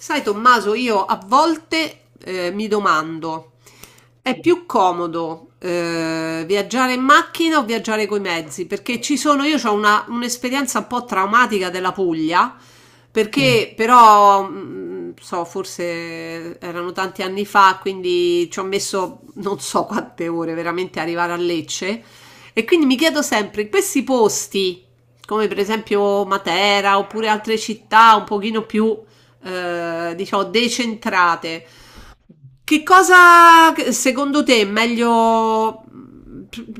Sai, Tommaso, io a volte mi domando, è più comodo viaggiare in macchina o viaggiare coi mezzi? Perché ci sono, io ho un'esperienza un po' traumatica della Puglia. Mm. Perché però, so, forse erano tanti anni fa, quindi ci ho messo non so quante ore veramente a arrivare a Lecce. E quindi mi chiedo sempre, in questi posti, come per esempio Matera oppure altre città un pochino più diciamo, decentrate. Che cosa secondo te è meglio,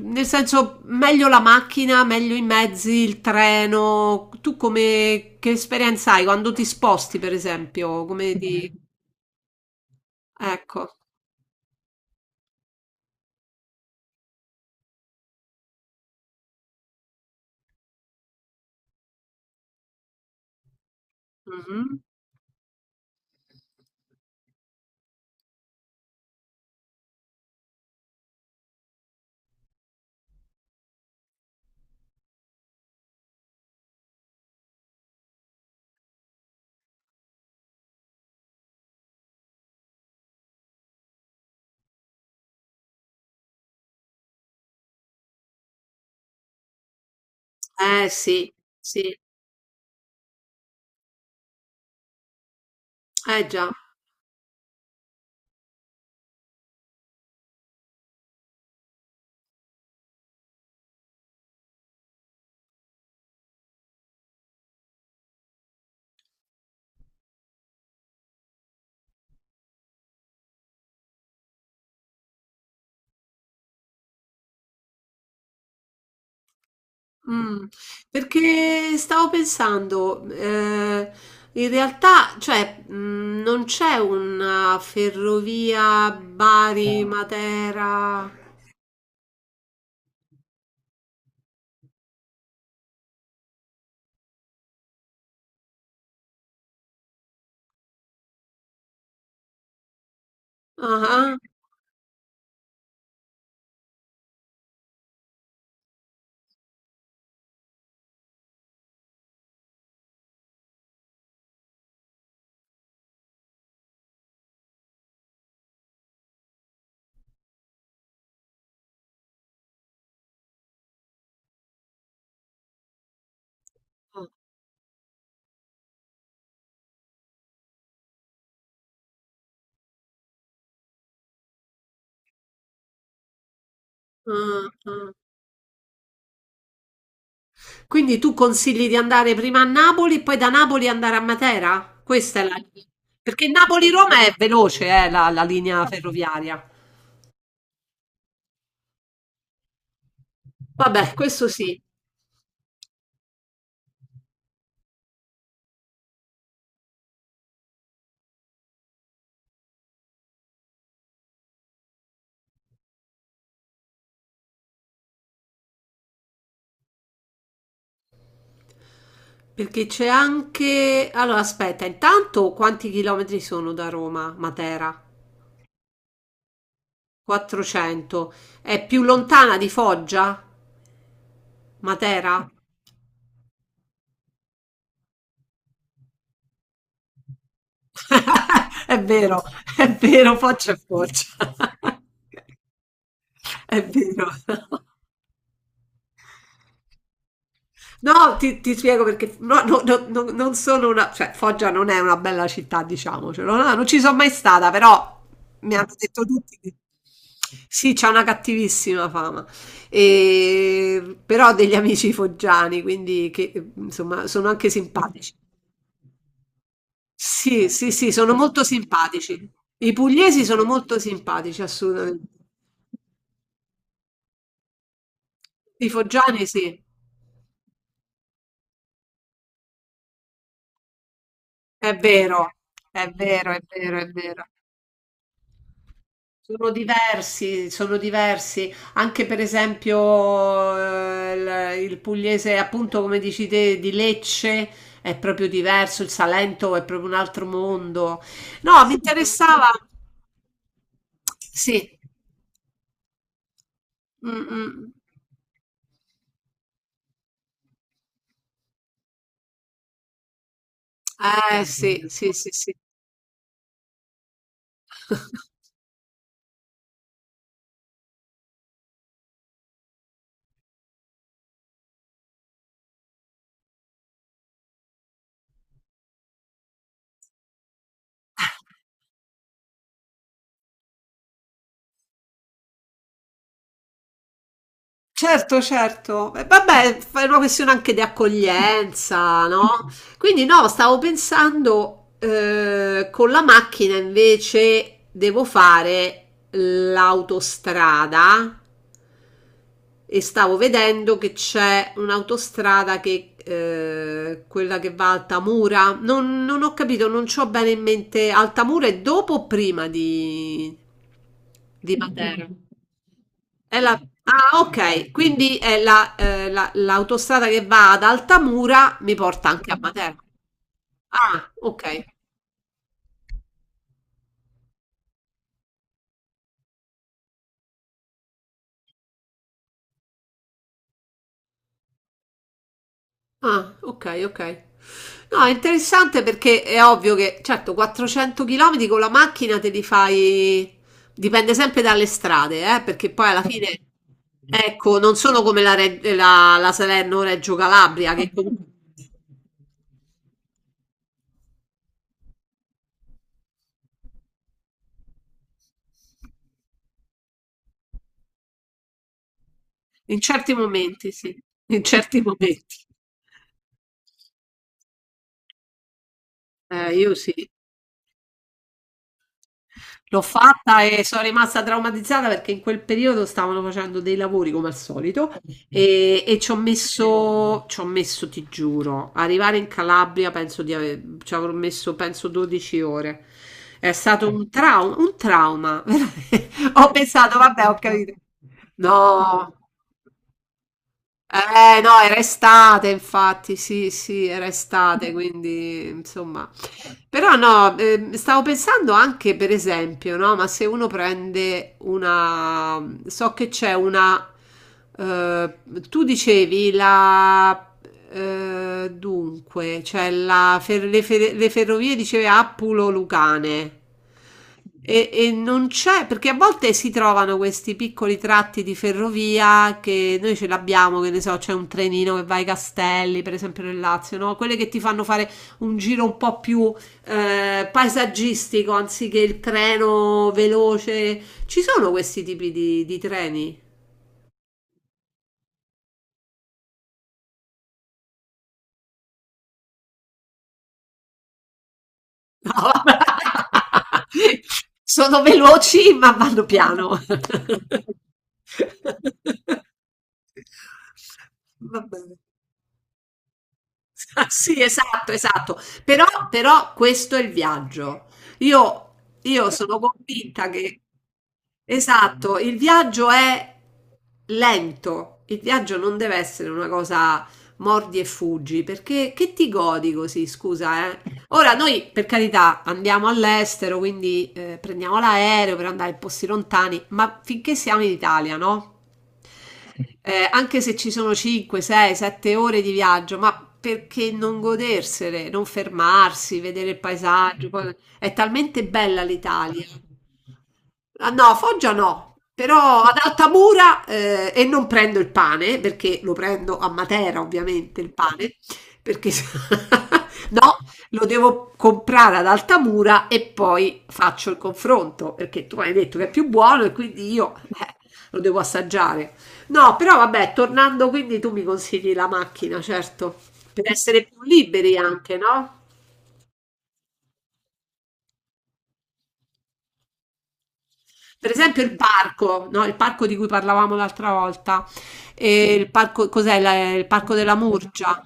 nel senso, meglio la macchina, meglio i mezzi, il treno? Tu come, che esperienza hai quando ti sposti, per esempio? Come ti... Ecco. Mhm. Eh sì, sì, eh già. Mh, perché stavo pensando, in realtà, cioè, non c'è una ferrovia, no? Bari-Matera. Ah-ah, ah-ah. Quindi tu consigli di andare prima a Napoli e poi da Napoli andare a Matera? Questa è la linea, perché Napoli-Roma è veloce, la linea ferroviaria. Vabbè, questo sì. Perché c'è anche... Allora, aspetta, intanto quanti chilometri sono da Roma, Matera? 400. È più lontana di Foggia, Matera? È vero, è vero, Foggia è Foggia. È vero. No, ti spiego perché no, no, no, no, non sono una... cioè Foggia non è una bella città, diciamocelo, no, no, non ci sono mai stata, però mi hanno detto tutti che... Sì, c'è una cattivissima fama, e... però ho degli amici foggiani, quindi che, insomma sono anche simpatici. Sì, sì, sì, sono molto simpatici. I pugliesi sono molto simpatici, assolutamente. I foggiani sì, è vero, è vero, è vero, è vero. Sono diversi, sono diversi. Anche per esempio eh, il pugliese, appunto come dici te, di Lecce è proprio diverso, il Salento è proprio un altro mondo. No, mi sì, interessava. Sì. Mm, mm. Eh sì, sì, sì, sì. Certo, certo. Vabbè, è una questione anche di accoglienza, no? Quindi no, stavo pensando con la macchina invece devo fare l'autostrada e stavo vedendo che c'è un'autostrada che quella che va a Altamura. Non, non ho capito, non ho bene in mente Altamura è dopo o prima di Matera? È la- Ah, ok, quindi è l'autostrada che va ad Altamura mi porta anche a Matera. Ah, ok. Ah, ok, ok. No, è interessante perché è ovvio che, certo, 400 km con la macchina te li fai... Dipende sempre dalle strade, perché poi alla fine, ecco, non sono come la Salerno-Reggio Calabria, che comunque... In certi momenti, sì. In certi momenti. Io sì. L'ho fatta e sono rimasta traumatizzata perché in quel periodo stavano facendo dei lavori come al solito e ci ho messo, ti giuro, arrivare in Calabria penso di aver, ci avrò messo penso 12 ore. È stato un trauma, un trauma. Veramente. Ho pensato, vabbè, ho capito. No, no, era estate, infatti, sì, sì, era estate, quindi insomma. Però no, stavo pensando anche per esempio, no? Ma se uno prende una... So che c'è una... eh, tu dicevi la... dunque, cioè la fer- le ferrovie dicevi Appulo-Lucane. E non c'è, perché a volte si trovano questi piccoli tratti di ferrovia che noi ce l'abbiamo, che ne so, c'è un trenino che va ai Castelli, per esempio nel Lazio, no? Quelle che ti fanno fare un giro un po' più paesaggistico anziché il treno veloce. Ci sono questi tipi di treni? No. Sono veloci ma vanno piano. Va bene. Ah, sì, esatto, esatto. Però questo è il viaggio. Io, io sono convinta che, esatto, il viaggio è lento. Il viaggio non deve essere una cosa mordi e fuggi, perché che ti godi così, scusa, eh? Ora noi, per carità, andiamo all'estero, quindi prendiamo l'aereo per andare in posti lontani, ma finché siamo in Italia, no? Anche se ci sono 5, 6, 7 ore di viaggio, ma perché non godersele, non fermarsi, vedere il paesaggio? È talmente bella l'Italia. Ah, no, Foggia no, però ad Altamura e non prendo il pane perché lo prendo a Matera ovviamente il pane, perché no, lo devo comprare ad Altamura e poi faccio il confronto perché tu hai detto che è più buono e quindi io lo devo assaggiare. No, però vabbè, tornando quindi tu mi consigli la macchina, certo, per essere più liberi anche, no? Per esempio il parco, no? Il parco di cui parlavamo l'altra volta. E il parco, cos'è? Il parco della Murgia.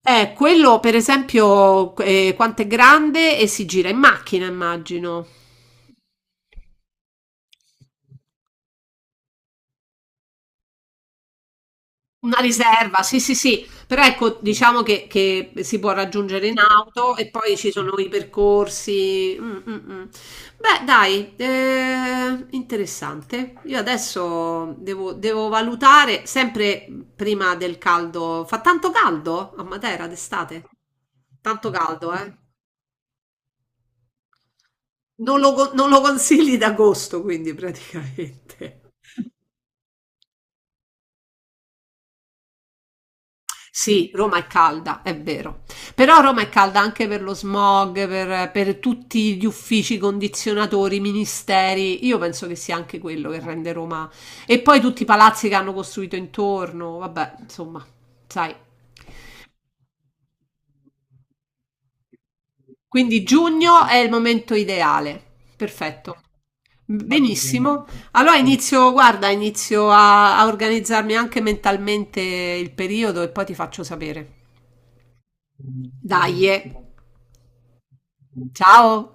Quello per esempio, quanto è grande e si gira in macchina, immagino. Una riserva, sì, sì, sì, però ecco, diciamo che si può raggiungere in auto e poi ci sono i percorsi. Mm, mm, mm. Beh, dai, interessante. Io adesso devo valutare sempre prima del caldo. Fa tanto caldo a Matera d'estate? Tanto caldo, eh? Non lo consigli d'agosto, quindi praticamente. Sì, Roma è calda, è vero. Però Roma è calda anche per lo smog, per tutti gli uffici, condizionatori, ministeri. Io penso che sia anche quello che rende Roma. E poi tutti i palazzi che hanno costruito intorno. Vabbè, insomma, sai. Quindi giugno è il momento ideale. Perfetto. Va bene. Benissimo. Allora inizio, guarda, inizio a organizzarmi anche mentalmente il periodo e poi ti faccio sapere. Mm, dai. Benissimo. Ciao.